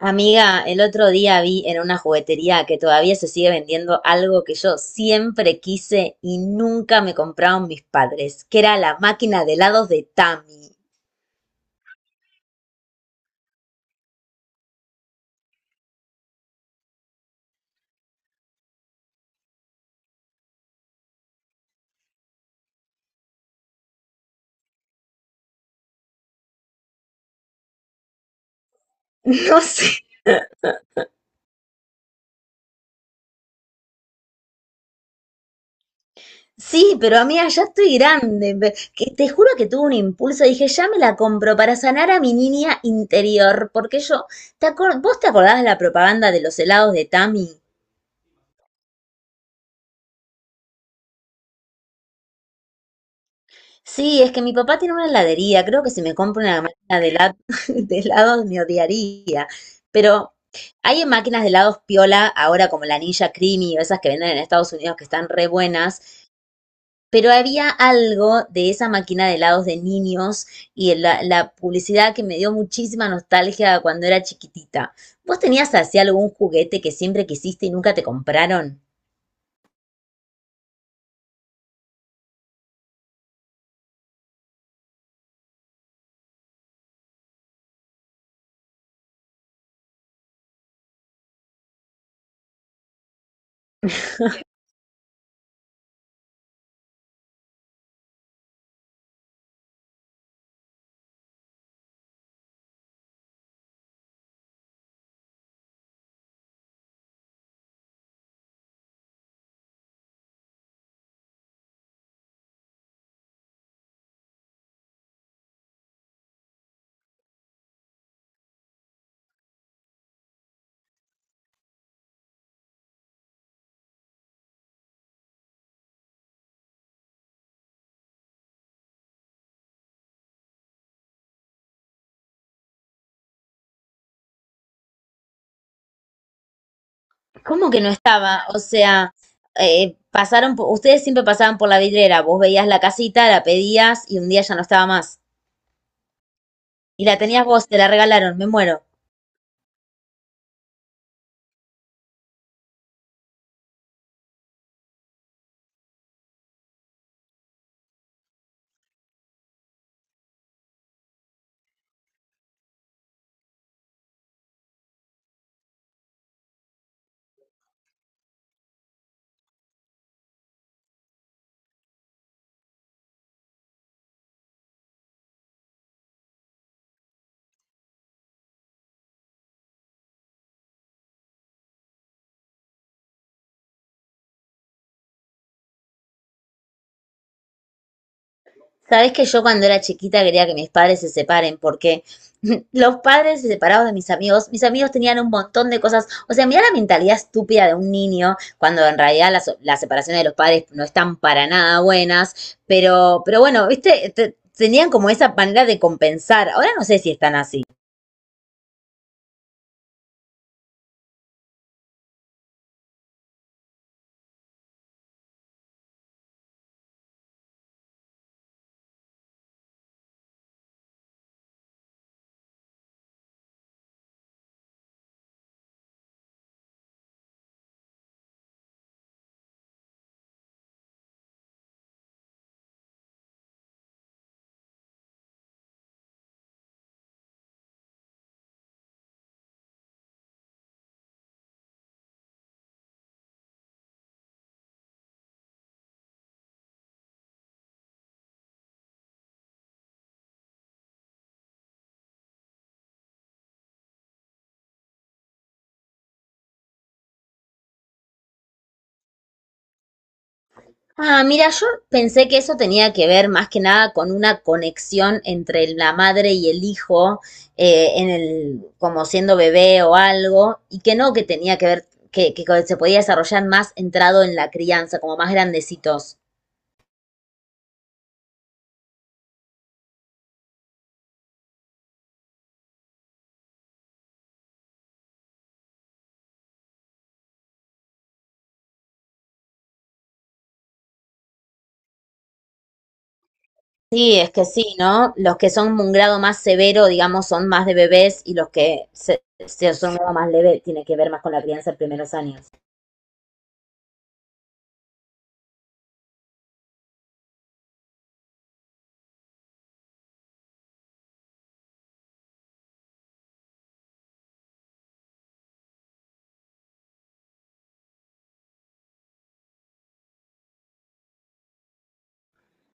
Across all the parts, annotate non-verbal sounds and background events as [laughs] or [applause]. Amiga, el otro día vi en una juguetería que todavía se sigue vendiendo algo que yo siempre quise y nunca me compraron mis padres, que era la máquina de helados de Tami. [laughs] No sé. Sí, pero amiga, ya estoy grande. Que te juro que tuve un impulso. Dije, ya me la compro para sanar a mi niña interior. Porque yo, ¿vos te acordás de la propaganda de los helados de Tami? Sí, es que mi papá tiene una heladería. Creo que si me compro una máquina [laughs] de helados me odiaría. Pero hay máquinas de helados piola ahora como la Ninja Creamy o esas que venden en Estados Unidos que están re buenas. Pero había algo de esa máquina de helados de niños y la publicidad que me dio muchísima nostalgia cuando era chiquitita. ¿Vos tenías así algún juguete que siempre quisiste y nunca te compraron? ¿Cómo que no estaba? O sea, pasaron, ustedes siempre pasaban por la vidriera, vos veías la casita, la pedías y un día ya no estaba más. Y la tenías vos, te la regalaron, me muero. Sabés que yo cuando era chiquita quería que mis padres se separen porque [laughs] los padres se separados de mis amigos tenían un montón de cosas. O sea, mirá la mentalidad estúpida de un niño cuando en realidad las separaciones de los padres no están para nada buenas. Pero bueno, viste, tenían como esa manera de compensar. Ahora no sé si están así. Ah, mira, yo pensé que eso tenía que ver más que nada con una conexión entre la madre y el hijo, en el, como siendo bebé o algo, y que no que tenía que ver, que se podía desarrollar más entrado en la crianza, como más grandecitos. Sí, es que sí, ¿no? Los que son un grado más severo, digamos, son más de bebés y los que se son un grado más leve tiene que ver más con la crianza en primeros años.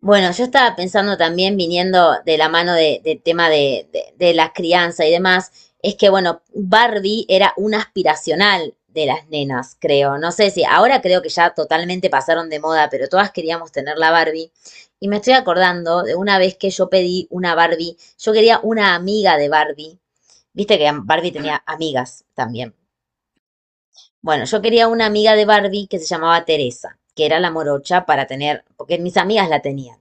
Bueno, yo estaba pensando también, viniendo de la mano de tema de la crianza y demás, es que, bueno, Barbie era una aspiracional de las nenas, creo. No sé si ahora creo que ya totalmente pasaron de moda, pero todas queríamos tener la Barbie. Y me estoy acordando de una vez que yo pedí una Barbie, yo quería una amiga de Barbie. Viste que Barbie tenía amigas también. Bueno, yo quería una amiga de Barbie que se llamaba Teresa, que era la morocha para tener, porque mis amigas la tenían.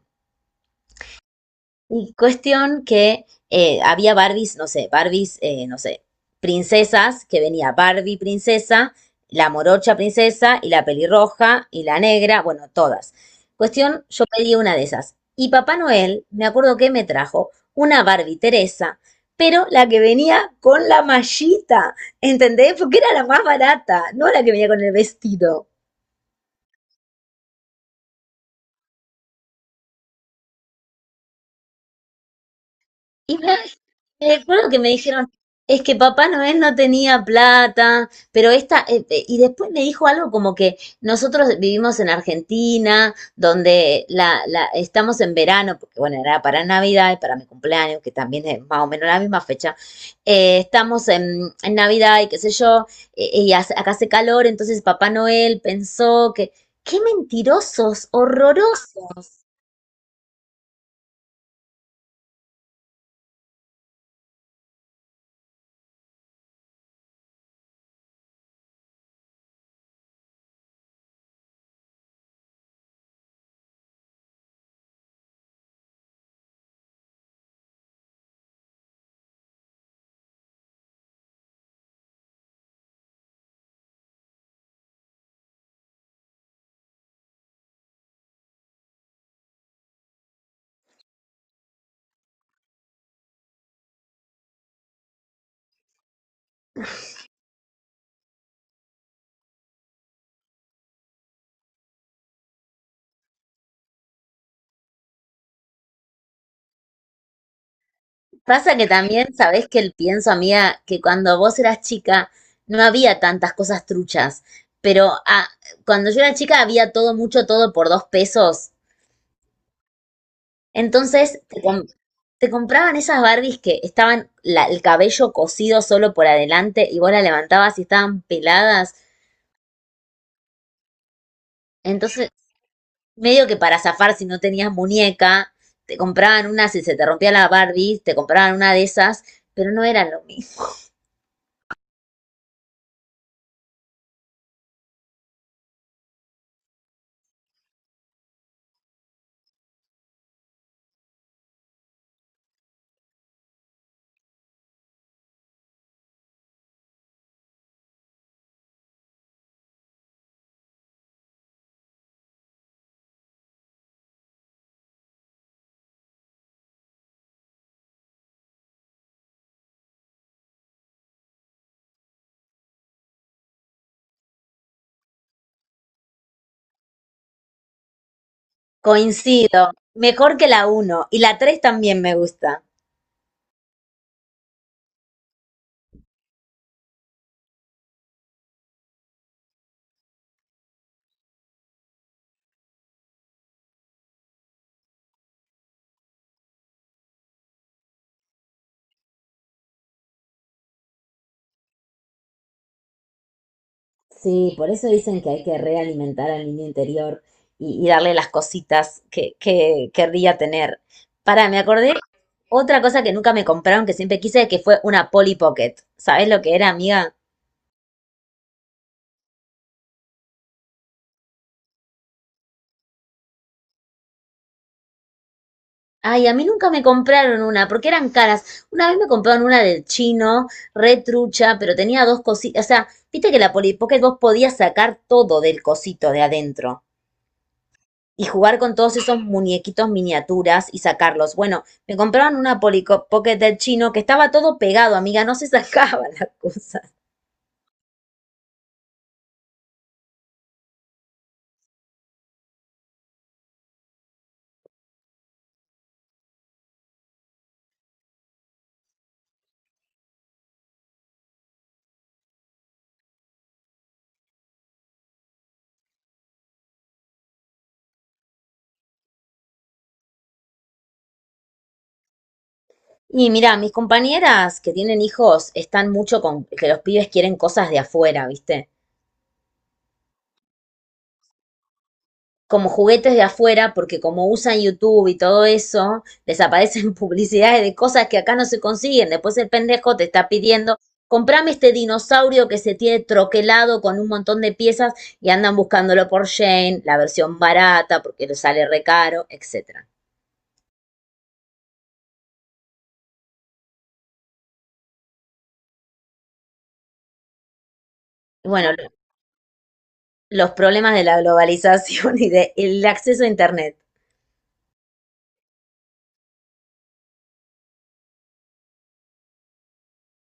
Y cuestión que había Barbies, no sé, princesas, que venía Barbie princesa, la morocha princesa y la pelirroja y la negra, bueno, todas. Cuestión, yo pedí una de esas. Y Papá Noel, me acuerdo que me trajo una Barbie Teresa, pero la que venía con la mallita, ¿entendés? Porque era la más barata, no la que venía con el vestido. Y me Me acuerdo que me dijeron, es que Papá Noel no tenía plata, pero esta, y después me dijo algo como que nosotros vivimos en Argentina, donde estamos en verano, porque bueno, era para Navidad y para mi cumpleaños, que también es más o menos la misma fecha, estamos en Navidad y qué sé yo, acá hace calor, entonces Papá Noel pensó que, qué mentirosos, horrorosos. Pasa que también, sabés que el pienso, amiga, que cuando vos eras chica no había tantas cosas truchas, pero cuando yo era chica había todo, mucho todo por dos pesos. Entonces te compraban esas Barbies que estaban el cabello cosido solo por adelante y vos la levantabas y estaban peladas. Entonces, medio que para zafar si no tenías muñeca, te compraban una, si se te rompía la Barbie, te compraban una de esas, pero no eran lo mismo. Coincido, mejor que la uno y la 3 también me gusta. Sí, por eso dicen que hay que realimentar al niño interior y darle las cositas que querría tener. Pará, me acordé otra cosa que nunca me compraron, que siempre quise, que fue una Polly Pocket. ¿Sabés lo que era, amiga? Ay, a mí nunca me compraron una, porque eran caras. Una vez me compraron una del chino, re trucha, pero tenía dos cositas. O sea, viste que la Polly Pocket vos podías sacar todo del cosito de adentro y jugar con todos esos muñequitos miniaturas y sacarlos. Bueno, me compraron una Pocket del chino que estaba todo pegado, amiga, no se [laughs] sacaban las cosas. Y mira, mis compañeras que tienen hijos están mucho con que los pibes quieren cosas de afuera, ¿viste? Como juguetes de afuera, porque como usan YouTube y todo eso, les aparecen [laughs] publicidades de cosas que acá no se consiguen. Después el pendejo te está pidiendo, comprame este dinosaurio que se tiene troquelado con un montón de piezas y andan buscándolo por Shane, la versión barata, porque le sale recaro, etc. Y bueno, los problemas de la globalización [laughs] y del acceso a Internet.